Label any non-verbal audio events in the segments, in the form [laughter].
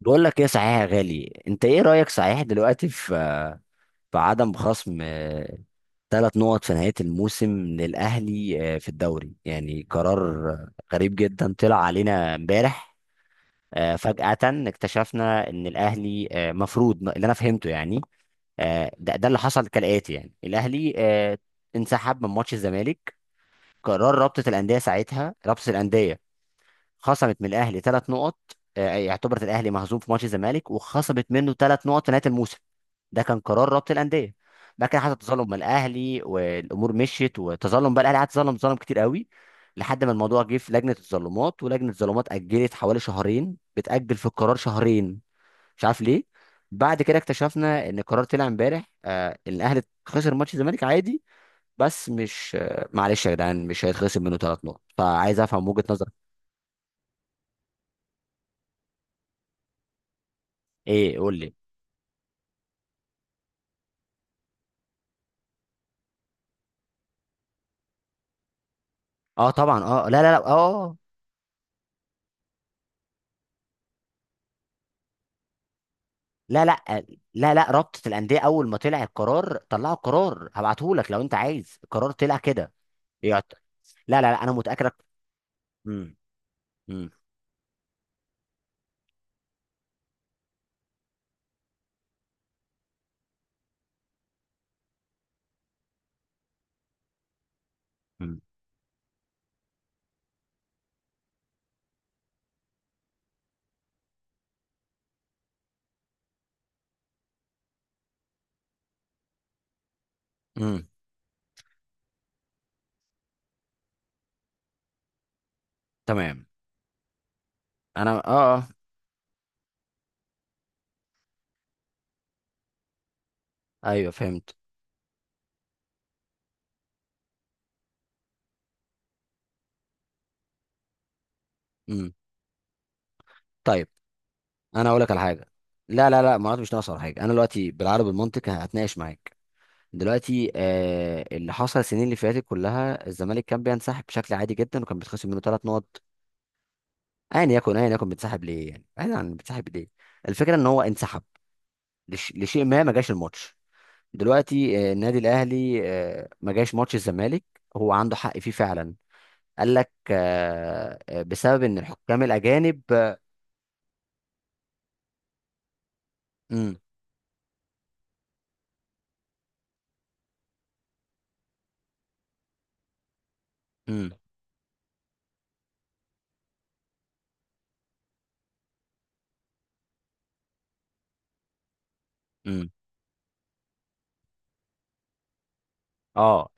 بقول لك ايه صحيح يا غالي؟ انت ايه رأيك صحيح دلوقتي في عدم خصم ثلاث نقط في نهاية الموسم للأهلي في الدوري؟ يعني قرار غريب جدا طلع علينا امبارح. فجأة اكتشفنا ان الأهلي مفروض اللي انا فهمته يعني ده اللي حصل كالآتي. يعني الأهلي انسحب من ماتش الزمالك، قرار رابطة الأندية ساعتها. رابطة الأندية خصمت من الاهلي ثلاث نقط، اعتبرت الاهلي مهزوم في ماتش الزمالك وخصمت منه ثلاث نقط في نهايه الموسم. ده كان قرار رابطه الانديه. بعد كده حصل تظلم من الاهلي والامور مشيت، وتظلم بقى الاهلي، قعد تظلم كتير قوي لحد ما الموضوع جه في لجنه التظلمات، ولجنه التظلمات اجلت حوالي شهرين، بتاجل في القرار شهرين مش عارف ليه. بعد كده اكتشفنا ان القرار طلع امبارح، إن الاهلي خسر ماتش الزمالك عادي، بس مش معلش يا جدعان، مش هيتخصم منه ثلاث نقط. فعايز افهم وجهه نظرك ايه، قول لي. اه طبعا، اه، لا، لا لا. رابطة الأندية أول ما طلع القرار، طلعوا القرار، هبعتهولك لو أنت عايز، القرار طلع كده. يعت... لا لا لا، أنا متأكد. امم امم امم امم. تمام. أنا، اه. أيوه فهمت. امم. طيب، أنا أقول لك على حاجة. لا لا لا، ما مش ناقص على حاجة. أنا دلوقتي بالعربي المنطق هتناقش معاك. دلوقتي آه، اللي حصل السنين اللي فاتت كلها الزمالك كان بينسحب بشكل عادي جدا، وكان بيتخصم منه ثلاث نقط. ايا يكن بتسحب ليه؟ يعني بعيدا عن بتسحب ليه، الفكره ان هو انسحب لشيء ما، ما جاش الماتش. دلوقتي النادي الاهلي ما جاش ماتش الزمالك، هو عنده حق فيه فعلا. قال لك بسبب ان الحكام الاجانب امم امم امم. اه،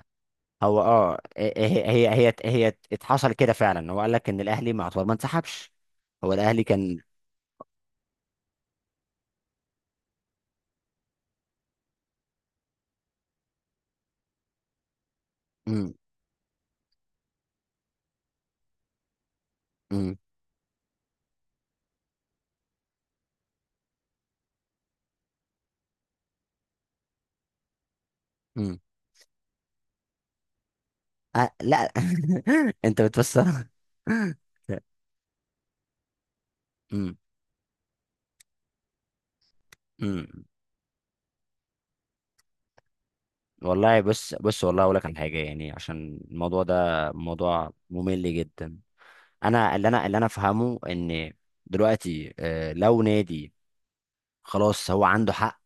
هو اه هي اتحصل كده فعلا. هو قال لك ان الاهلي مع طول ما انسحبش. هو الاهلي كان امم امم امم. آه لا. [laughs] انت بتفسر. [laughs] امم امم. والله بص بص، والله اقول لك على حاجه، يعني عشان الموضوع ده موضوع ممل جدا. انا اللي انا افهمه ان دلوقتي لو نادي، خلاص هو عنده حق،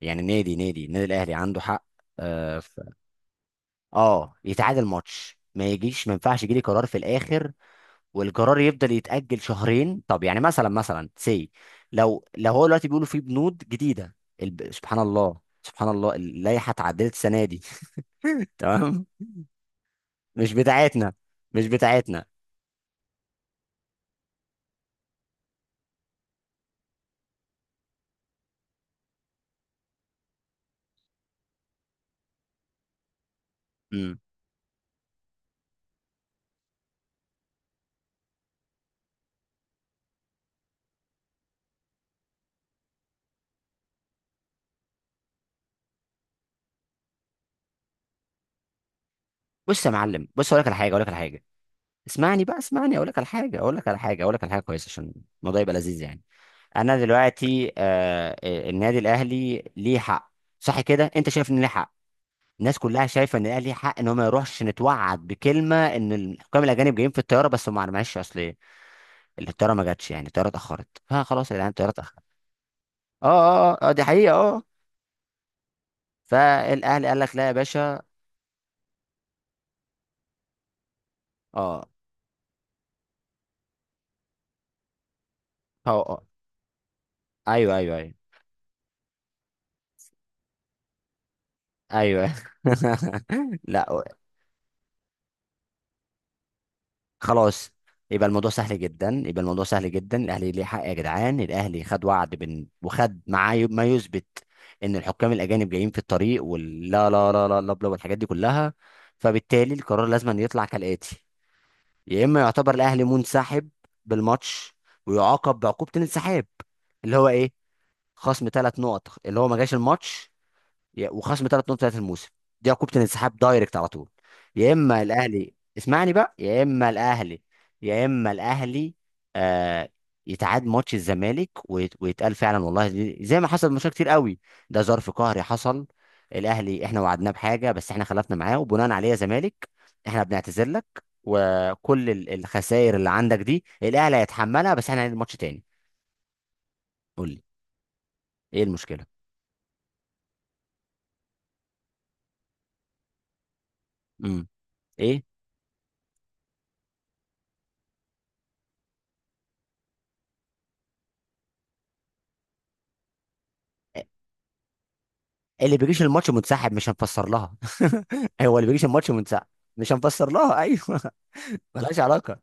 يعني نادي النادي الاهلي عنده حق. اه يتعادل ماتش، ما يجيش، ما ينفعش يجي لي قرار في الاخر، والقرار يفضل يتاجل شهرين. طب يعني مثلا سي، لو لو هو دلوقتي بيقولوا في بنود جديده. سبحان الله، اللائحه اتعدلت السنه دي. [laughs] تمام. مش بتاعتنا. مش بتاعتنا. امم. بص يا معلم، بص اقول لك على حاجه، اسمعني بقى، اسمعني، اقول لك على حاجه كويسه عشان الموضوع يبقى لذيذ يعني. انا دلوقتي النادي الاهلي ليه حق، صح كده؟ انت شايف ان ليه حق، الناس كلها شايفه ان الاهلي ليه حق. ان هو ما يروحش، نتوعد بكلمه ان الحكام الاجانب جايين في الطياره، بس هم معلش اصل إيه؟ الطياره ما جاتش، يعني الطياره اتاخرت، فخلاص يا جدعان، الطياره اتاخرت. اه آه، دي حقيقه، اه. فالاهلي قال لك لا يا باشا. اه اه آه. ايوه ايوه ايوه ايوه [laughs] لا. خلاص، يبقى الموضوع سهل جدا، يبقى الموضوع سهل جدا. الاهلي ليه حق يا جدعان، الاهلي خد وعد وخد معاه ما يثبت ان الحكام الاجانب جايين في الطريق، واللا لا لا لا لا بلا والحاجات دي كلها. فبالتالي القرار لازم أن يطلع كالاتي: يا اما يعتبر الاهلي منسحب بالماتش ويعاقب بعقوبه الانسحاب، اللي هو ايه؟ خصم ثلاث نقط، اللي هو ما جاش الماتش، وخصم ثلاث نقط بتاعت الموسم، دي عقوبة الانسحاب دايركت على طول. يا اما الاهلي، اسمعني بقى، يا اما الاهلي يا اما الاهلي آه، يتعاد ماتش الزمالك ويتقال فعلا والله، زي ما حصل ماتشات كتير قوي، ده ظرف قهري حصل، الاهلي احنا وعدناه بحاجه، بس احنا خلفنا معاه، وبناء عليه يا زمالك احنا بنعتذر لك، وكل الخسائر اللي عندك دي الاهلي هيتحملها، بس احنا هنعيد الماتش تاني. قول لي. ايه المشكله؟ امم. ايه؟ اللي بيجيش الماتش منسحب، مش هنفسر لها. [laughs] هو اللي بيجيش الماتش منسحب، مش هنفسر لها، ايوه. [laughs] ملهاش علاقه،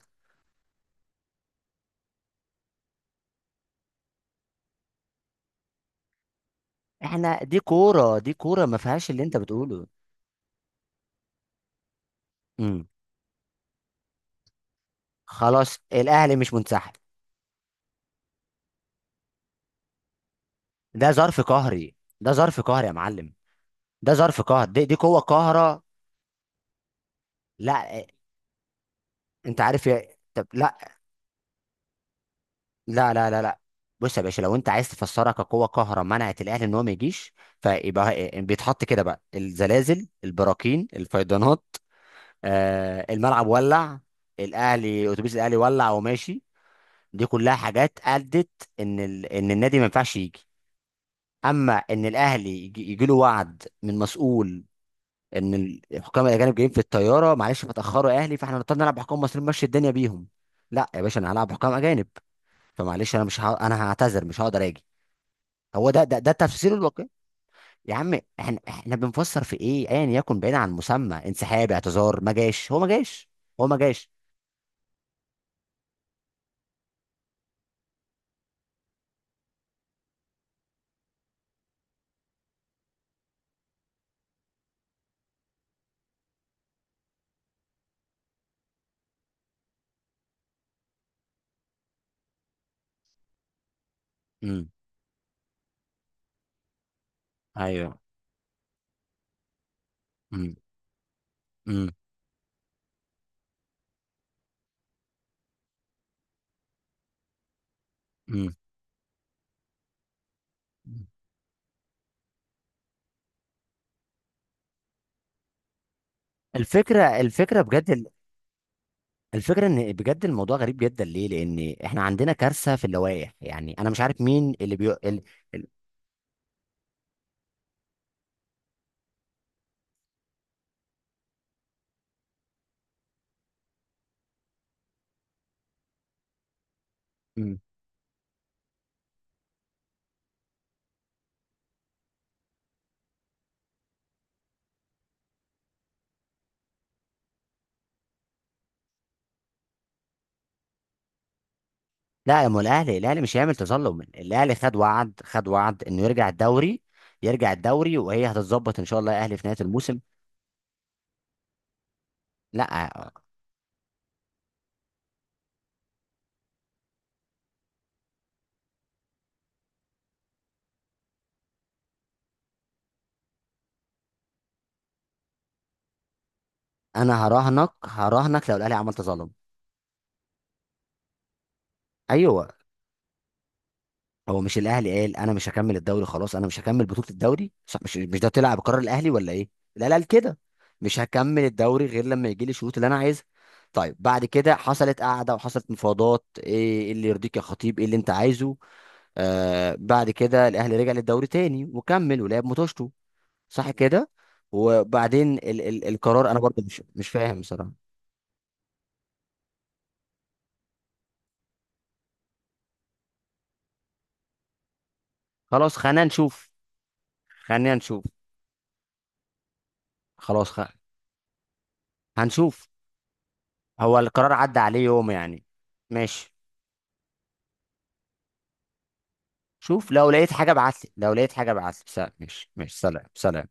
احنا دي كوره، دي كوره ما فيهاش اللي انت بتقوله. امم. خلاص الاهلي مش منسحب، ده ظرف قهري، ده ظرف قهري يا معلم، ده ظرف قهر، دي قوه قاهره. لا إيه، انت عارف يا، طب لا لا. بص يا باشا، لو انت عايز تفسرها كقوه قاهره منعت الاهلي ان هو ما يجيش، فيبقى إيه، بيتحط كده بقى الزلازل، البراكين، الفيضانات، آه الملعب ولع، اتوبيس الاهلي ولع وماشي، دي كلها حاجات ادت ان ان النادي ما ينفعش يجي. اما ان الاهلي يجي، يجي له وعد من مسؤول ان الحكام الاجانب جايين في الطياره، معلش فتاخروا يا اهلي، فاحنا نضطر نلعب بحكام مصريين، مشي الدنيا بيهم. لا يا باشا، انا هلعب بحكام اجانب، فمعلش انا مش ه... انا هعتذر، مش هقدر اجي. هو ده ده التفسير الواقعي. يا عم احنا، بنفسر في ايه؟ ايا يكن، بعيد عن المسمى انسحاب اعتذار ما جاش، هو ما جاش، هو ما جاش. امم. ايوه. مم. مم. مم. الفكرة الفكرة بجد الفكرة ان بجد الموضوع غريب جدا. ليه؟ لان احنا عندنا كارثة في اللوائح، يعني انا مش عارف مين اللي ال... مم. لا يا أم الاهلي، الاهلي مش هيعمل تظلم، الاهلي خد وعد، خد وعد انه يرجع الدوري. يرجع الدوري وهي هتتظبط ان شاء الله يا اهلي في نهاية الموسم. لا، انا هراهنك، هراهنك لو الاهلي عمل تظلم. ايوه. هو مش الاهلي قال انا مش هكمل الدوري، خلاص انا مش هكمل بطوله الدوري، صح؟ مش مش ده طلع بقرار الاهلي ولا ايه؟ لا لا كده، مش هكمل الدوري غير لما يجي لي الشروط اللي انا عايزها. طيب بعد كده حصلت قعده وحصلت مفاوضات، ايه إيه اللي يرضيك يا خطيب، ايه اللي انت عايزه؟ آه بعد كده الاهلي رجع للدوري تاني وكمل ولعب ماتشته، صح كده. وبعدين ال القرار انا برضه مش فاهم بصراحه. خلاص خلينا نشوف، خلينا نشوف، خلاص هنشوف. هو القرار عدى عليه يوم يعني. ماشي. شوف لو لقيت حاجة ابعتلي، لو لقيت حاجة ابعتلي. سلام، ماشي، ماشي، سلام، سلام.